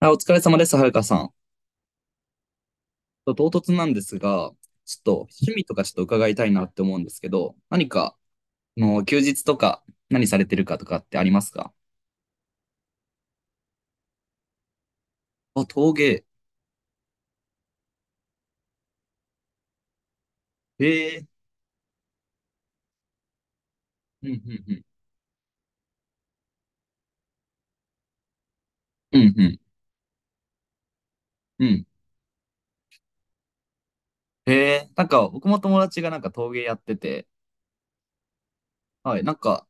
あ、お疲れ様です、はるかさん。と唐突なんですが、ちょっと趣味とかちょっと伺いたいなって思うんですけど、何か、あの休日とか何されてるかとかってありますか？あ、陶芸。へえ。うん、うん、うん。うん、うん、うん。へえ。なんか、僕も友達がなんか陶芸やってて、はい、なんか、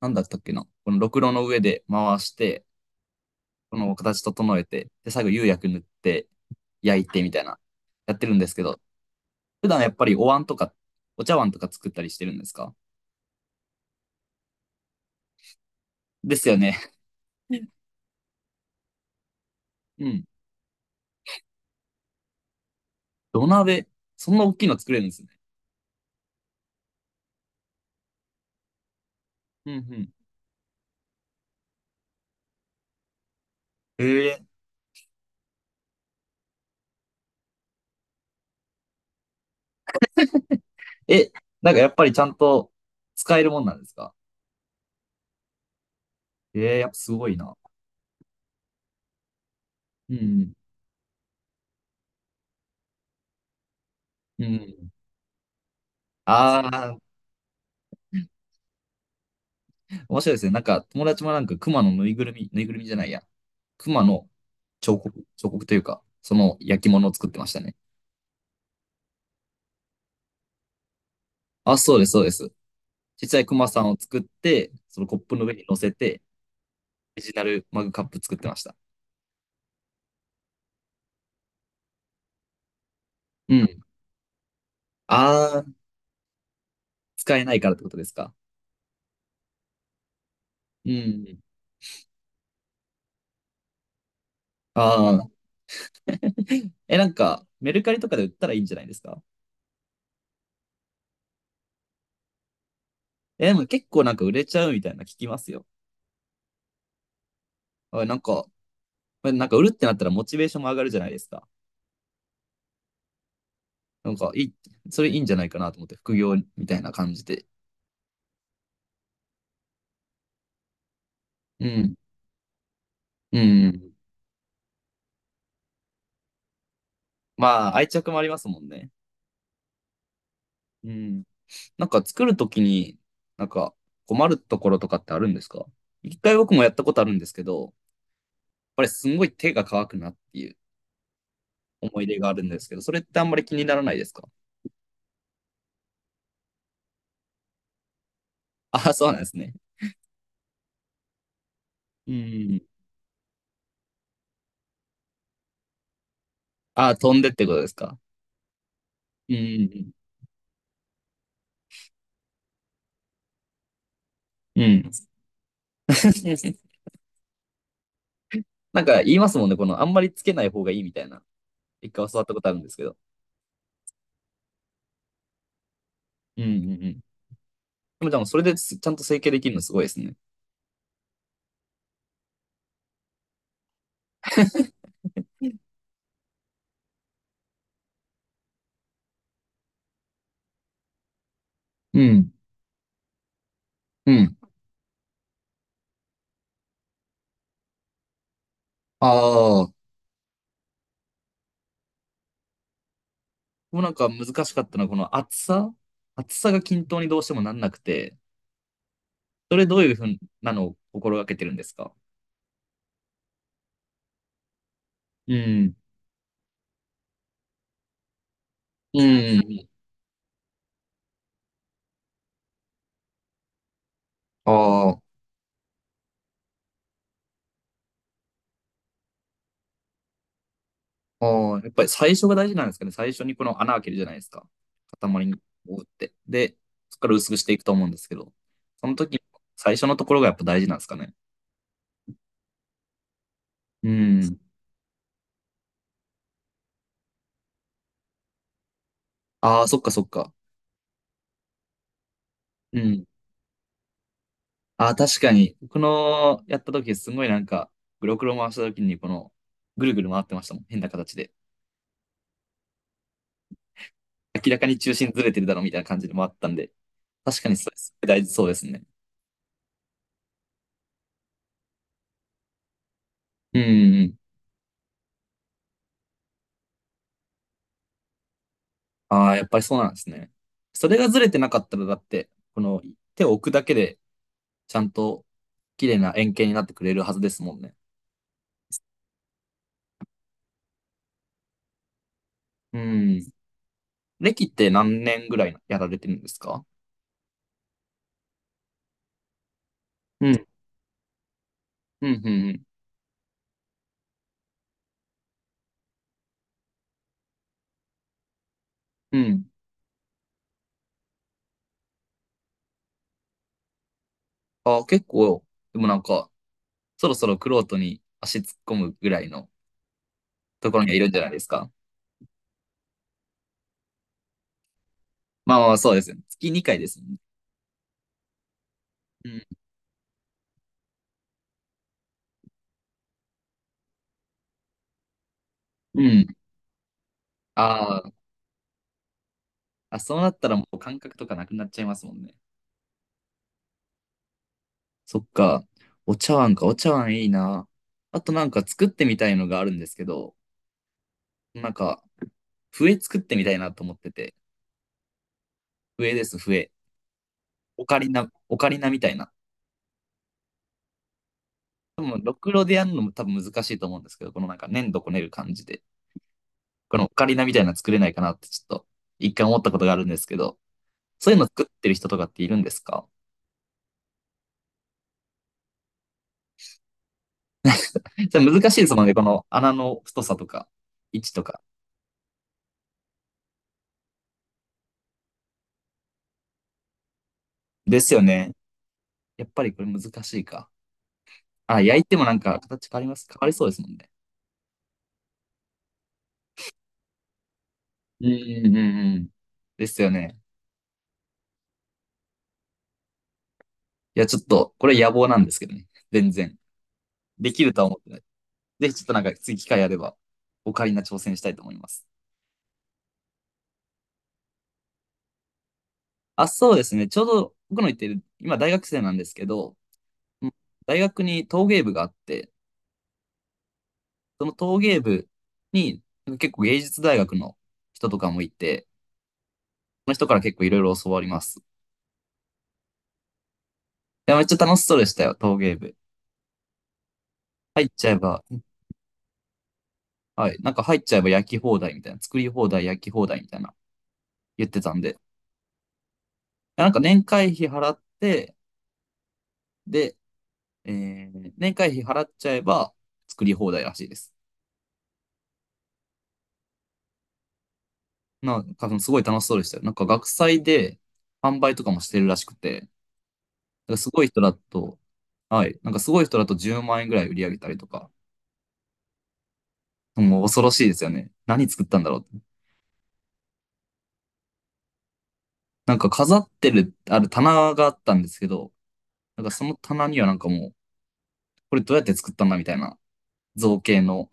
なんだったっけな。このろくろの上で回して、この形整えて、で、最後釉薬塗って焼いてみたいな、やってるんですけど、普段やっぱりお椀とか、お茶碗とか作ったりしてるんですか？ですよね。うん。土鍋。そんな大きいの作れるんですね。うんうん。へえ。え、なんかやっぱりちゃんと使えるもんなんですか？ええ、やっぱすごいな。うんうん。うん。ああ、面白いですね。なんか友達もなんか熊のぬいぐるみ、ぬいぐるみじゃないや。熊の彫刻、彫刻というか、その焼き物を作ってましたね。あ、そうです、そうです。小さい熊さんを作って、そのコップの上に乗せて、オリジナルマグカップ作ってました。うん。ああ、使えないからってことですか？うん。ああ、え、なんか、メルカリとかで売ったらいいんじゃないですか？え、でも結構なんか売れちゃうみたいな聞きますよ。あなんか、なんか売るってなったらモチベーションも上がるじゃないですか。なんか、それいいんじゃないかなと思って、副業みたいな感じで。うん。うん。まあ、愛着もありますもんね。うん。なんか作るときに、なんか困るところとかってあるんですか？一回僕もやったことあるんですけど、やっぱりすんごい手が乾くなっていう思い出があるんですけど、それってあんまり気にならないですか？あ、そうなんですね。うん。あ、飛んでってことですか？うん。うん。なんか言いますもんね、この、あんまりつけない方がいいみたいな。一回教わったことあるんですけど。うんうんうん。でもそれですちゃんと整形できるのすごいですね。うん。うん。ああ。もうなんか難しかったのは、この厚さが均等にどうしてもなんなくて、それどういうふうなのを心がけてるんですか？うん。うん。ああ。ああ、やっぱり最初が大事なんですかね？最初にこの穴開けるじゃないですか。塊に打って。で、そこから薄くしていくと思うんですけど、その時、最初のところがやっぱ大事なんですかね？うん。ああ、そっかそっか。うん。ああ、確かに。この、やった時すごいなんか、グロクロ回した時にこの、ぐるぐる回ってましたもん。変な形で。明らかに中心ずれてるだろうみたいな感じで回ったんで。確かにそれすごい大事そうですね。うんうんうん。ああ、やっぱりそうなんですね。それがずれてなかったら、だって、この手を置くだけでちゃんと綺麗な円形になってくれるはずですもんね。うん。歴って何年ぐらいやられてるんですか？うん、うん、うん。うん。うんあ、結構、でもなんか、そろそろクロートに足突っ込むぐらいのところにはいるんじゃないですか？まあまあ、そうですね。月2回ですもんね。うん。うんあーあ、そうなったらもう感覚とかなくなっちゃいますもんね。そっか。お茶碗か、お茶碗いいな。あとなんか作ってみたいのがあるんですけど、なんか、笛作ってみたいなと思ってて。笛です、笛。オカリナ、オカリナみたいな。多分、ろくろでやるのも多分難しいと思うんですけど、このなんか粘土こねる感じで、このオカリナみたいなの作れないかなってちょっと、一回思ったことがあるんですけど、そういうの作ってる人とかっているんですか？それ難しいですもんね、この穴の太さとか、位置とか。ですよね。やっぱりこれ難しいか。あ、焼いてもなんか形変わります。変わりそうですもんね。うんうんうんうん。ですよね。いや、ちょっと、これ野望なんですけどね。全然。できるとは思ってない。ぜひちょっとなんか次機会あれば、オカリナ挑戦したいと思います。あ、そうですね。ちょうど僕の言ってる、今大学生なんですけど、うん大学に陶芸部があって、その陶芸部に結構芸術大学の人とかもいて、その人から結構いろいろ教わります。いや、めっちゃ楽しそうでしたよ、陶芸部。入っちゃえば、はい、なんか入っちゃえば焼き放題みたいな、作り放題、焼き放題みたいな言ってたんで、いやなんか年会費払って、で、え年会費払っちゃえば作り放題らしいです。なんか、すごい楽しそうでしたよ。なんか、学祭で販売とかもしてるらしくて、だからすごい人だと、はい、なんかすごい人だと10万円ぐらい売り上げたりとか、もう恐ろしいですよね。何作ったんだろうって。なんか飾ってる、ある棚があったんですけど、なんかその棚にはなんかもう、これどうやって作ったんだみたいな造形の、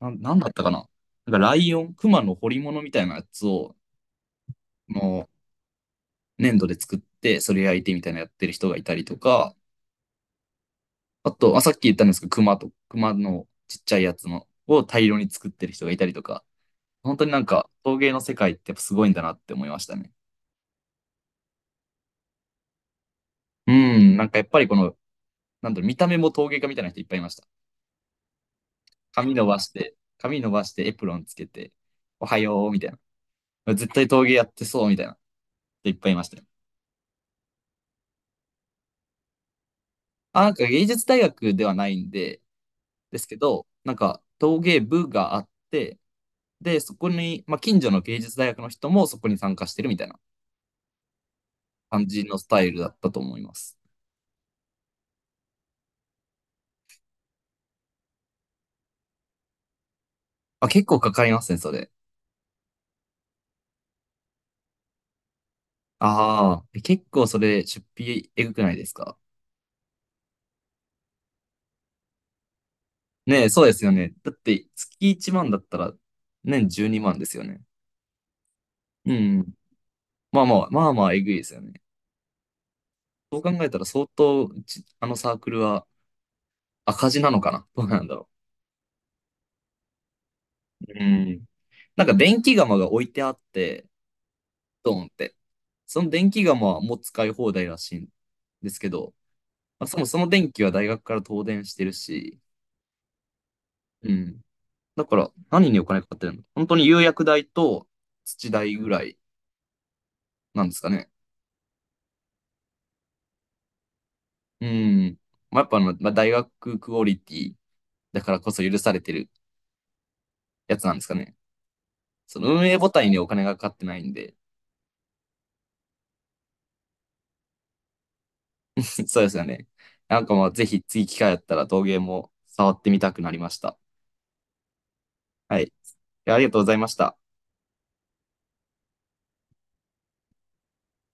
なんだったかな。なんかライオン、熊の彫り物みたいなやつを、もう粘土で作って、それ焼いてみたいなやってる人がいたりとか、あと、あ、さっき言ったんですけど、熊のちっちゃいやつのを大量に作ってる人がいたりとか、本当になんか陶芸の世界ってやっぱすごいんだなって思いましたね。うん、なんかやっぱりこの、なんだろう、見た目も陶芸家みたいな人いっぱいいました。髪伸ばしてエプロンつけて、おはよう、みたいな。絶対陶芸やってそう、みたいな。いっぱいいましたよ。あ、なんか芸術大学ではないんで、ですけど、なんか陶芸部があって、で、そこに、まあ、近所の芸術大学の人もそこに参加してるみたいな。感じのスタイルだったと思います。あ、結構かかりますね、それ。ああ、結構それ、出費えぐくないですか？ねえ、そうですよね。だって、月1万だったら、年12万ですよね。うん。まあまあ、まあまあ、えぐいですよね。そう考えたら、相当、うちあのサークルは赤字なのかなどうなんだろう。うん。なんか、電気釜が置いてあって、ドーンって。その電気釜はもう使い放題らしいんですけど、まあ、そもそも電気は大学から東電してるし、うん。だから、何にお金かかってるの本当に釉薬代と土代ぐらいなんですかね？うん。まあ、やっぱあの、まあ、大学クオリティだからこそ許されてるやつなんですかね？その運営母体にお金がかかってないんで。そうですよね。なんかまあ、ぜひ次機会あったら陶芸も触ってみたくなりました。はい。ありがとうございました。